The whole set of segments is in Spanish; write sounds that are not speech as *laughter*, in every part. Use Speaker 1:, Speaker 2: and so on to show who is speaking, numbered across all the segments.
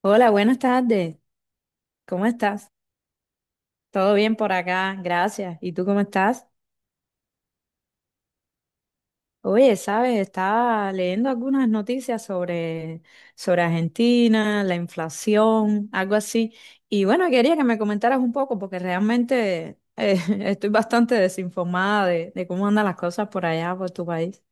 Speaker 1: Hola, buenas tardes. ¿Cómo estás? ¿Todo bien por acá? Gracias. ¿Y tú cómo estás? Oye, sabes, estaba leyendo algunas noticias sobre Argentina, la inflación, algo así. Y bueno, quería que me comentaras un poco porque realmente *laughs* estoy bastante desinformada de cómo andan las cosas por allá, por tu país.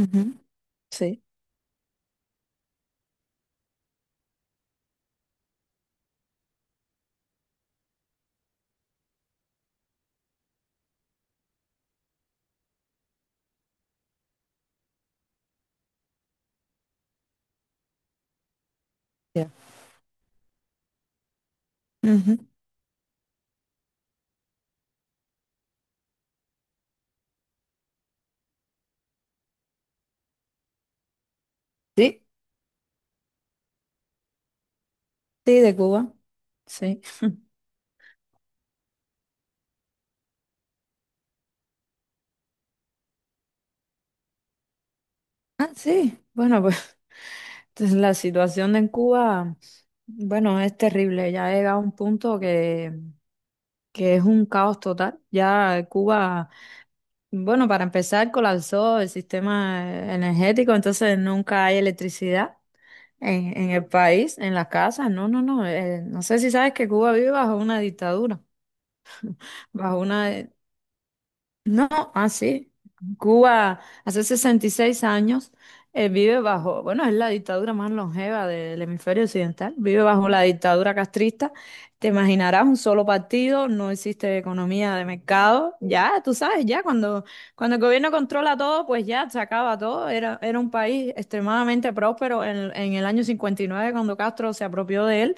Speaker 1: Ujú. Sí. Ya. Ujú. Sí, sí, de Cuba. Sí. Ah, sí. Bueno, pues. Entonces, la situación en Cuba, bueno, es terrible. Ya ha llegado a un punto que es un caos total. Ya Cuba, bueno, para empezar, colapsó el sistema energético, entonces nunca hay electricidad en el país, en las casas. No, no, no. No sé si sabes que Cuba vive bajo una dictadura, bajo una. No, así. Cuba hace 66 años vive bajo, bueno, es la dictadura más longeva del hemisferio occidental, vive bajo la dictadura castrista. Te imaginarás un solo partido, no existe economía de mercado. Ya, tú sabes, ya cuando el gobierno controla todo, pues ya se acaba todo. Era un país extremadamente próspero en el año 59 cuando Castro se apropió de él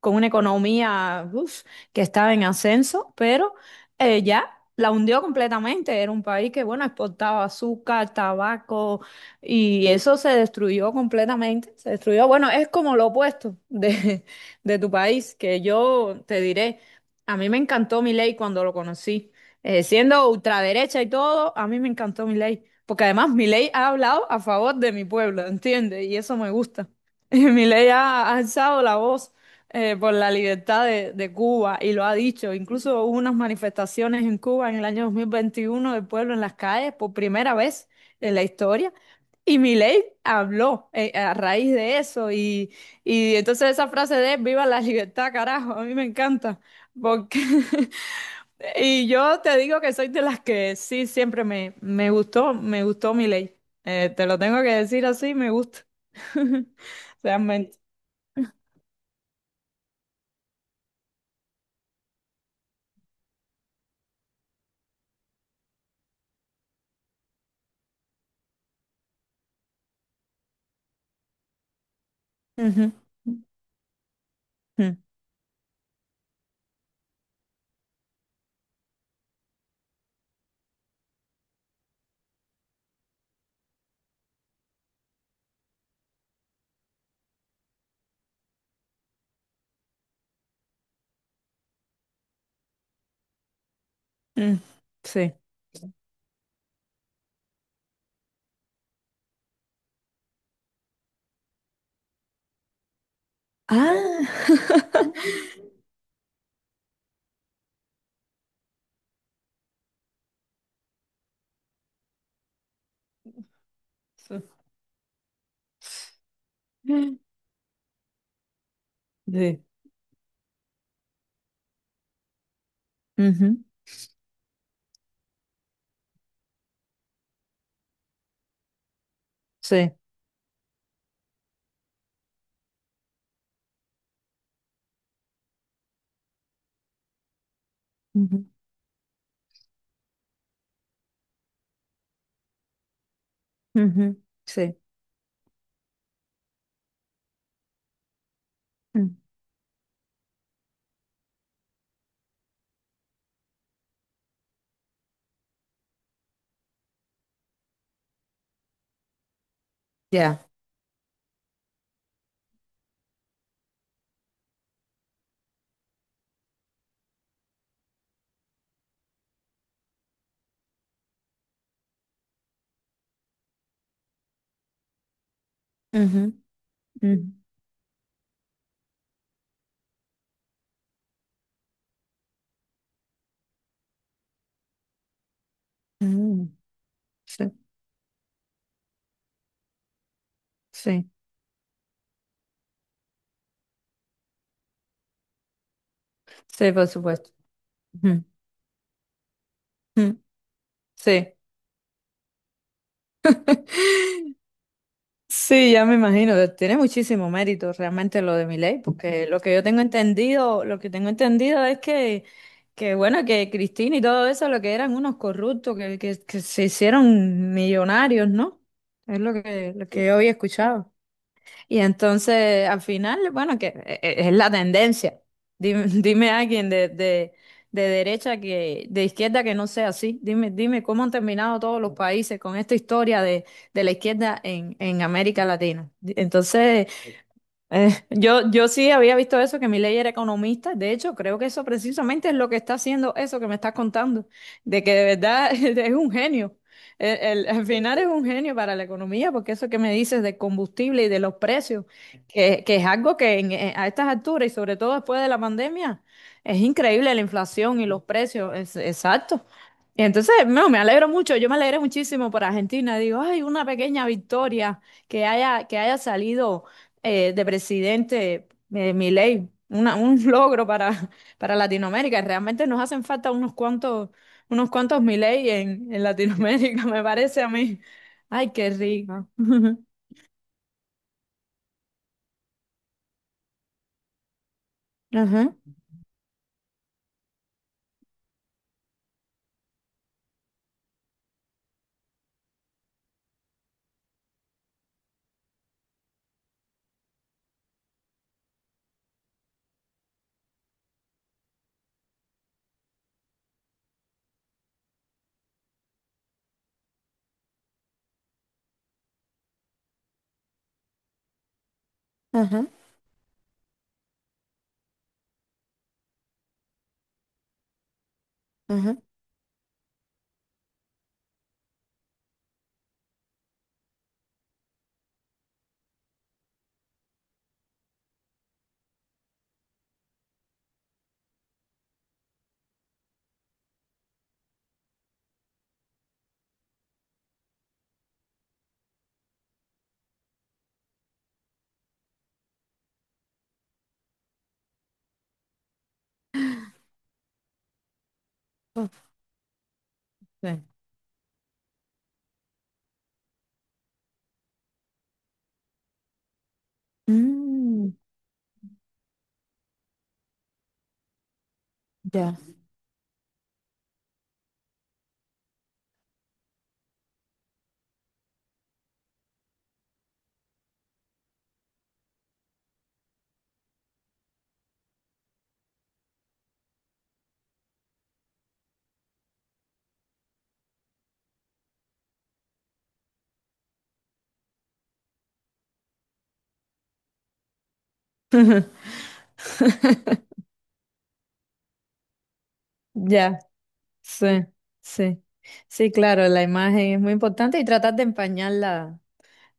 Speaker 1: con una economía, uf, que estaba en ascenso, pero ya la hundió completamente. Era un país que, bueno, exportaba azúcar, tabaco, y eso se destruyó completamente. Se destruyó, bueno, es como lo opuesto de, *laughs* de tu país, que yo te diré, a mí me encantó Milei cuando lo conocí. Siendo ultraderecha y todo, a mí me encantó Milei. Porque además Milei ha hablado a favor de mi pueblo, ¿entiendes? Y eso me gusta. *laughs* Milei ha alzado la voz por la libertad de Cuba y lo ha dicho. Incluso hubo unas manifestaciones en Cuba en el año 2021 del pueblo en las calles por primera vez en la historia. Y Milei habló a raíz de eso y entonces esa frase de viva la libertad, carajo, a mí me encanta. Porque *laughs* y yo te digo que soy de las que sí siempre me gustó Milei. Te lo tengo que decir así, me gusta. *laughs* Realmente. Ujú. Ujú. Mm, sí. Ah, *laughs* sí. Mm. Sí. Ujú, sí. Ujú, ujú, sí. Mm, ya. Ujú, ujú, mm, sí. Sí. Sí, por supuesto. Ujú, mm, sí. *laughs* Sí, ya me imagino, tiene muchísimo mérito realmente lo de Milei, porque lo que yo tengo entendido, lo que tengo entendido es que bueno, que Cristina y todo eso, lo que eran unos corruptos, que se hicieron millonarios, ¿no? Es lo que yo había escuchado. Y entonces, al final, bueno, que es la tendencia. Dime, *laughs* dime a alguien de derecha que, de izquierda que no sea así. Dime cómo han terminado todos los países con esta historia de la izquierda en América Latina. Entonces, yo sí había visto eso, que Milei era economista. De hecho, creo que eso precisamente es lo que está haciendo eso que me estás contando, de que de verdad *laughs* es un genio. El- al final es un genio para la economía, porque eso que me dices del combustible y de los precios, que es algo que a estas alturas y sobre todo después de la pandemia, es increíble la inflación y los precios. Exacto. Y entonces, no, me alegro mucho, yo me alegro muchísimo por Argentina. Digo, ay, una pequeña victoria que haya salido de presidente mi Milei, un *laughs* logro para Latinoamérica. Realmente nos hacen falta unos cuantos Milei en Latinoamérica, *laughs* me parece a mí. Ay, qué rico. *laughs* Ajá, ajá, ajá. Oh, sí. Mm, ya, ya, sí, sí. Sí, claro, la imagen es muy importante y tratar de empañarla.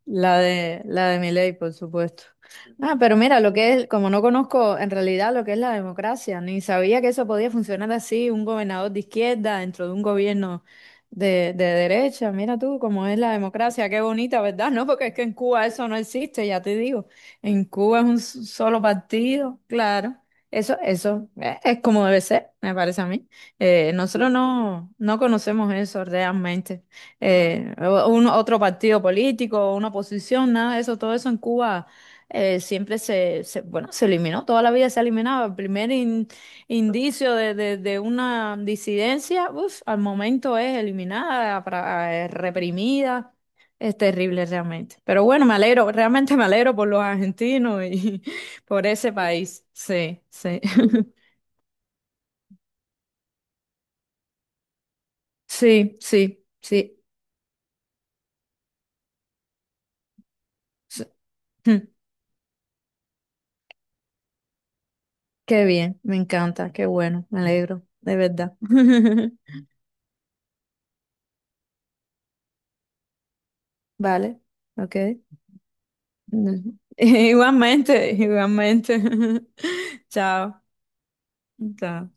Speaker 1: La de Milei, por supuesto. Ah, pero mira, lo que es, como no conozco en realidad lo que es la democracia, ni sabía que eso podía funcionar así, un gobernador de izquierda dentro de un gobierno de derecha. Mira tú cómo es la democracia, qué bonita, ¿verdad? No, porque es que en Cuba eso no existe, ya te digo. En Cuba es un solo partido, claro. Eso, es como debe ser, me parece a mí. Nosotros no conocemos eso realmente eh, otro partido político, una posición, nada de eso, todo eso en Cuba siempre bueno, se eliminó, toda la vida se eliminaba. El primer indicio de una disidencia, uf, al momento es eliminada, reprimida. Es terrible realmente. Pero bueno, me alegro, realmente me alegro por los argentinos y *laughs* por ese país. Sí, sí. *laughs* Sí, sí, sí. Sí. *laughs* Qué bien, me encanta, qué bueno, me alegro, de verdad. *laughs* Vale, ok. *laughs* Igualmente, igualmente. *laughs* Chao. Chao.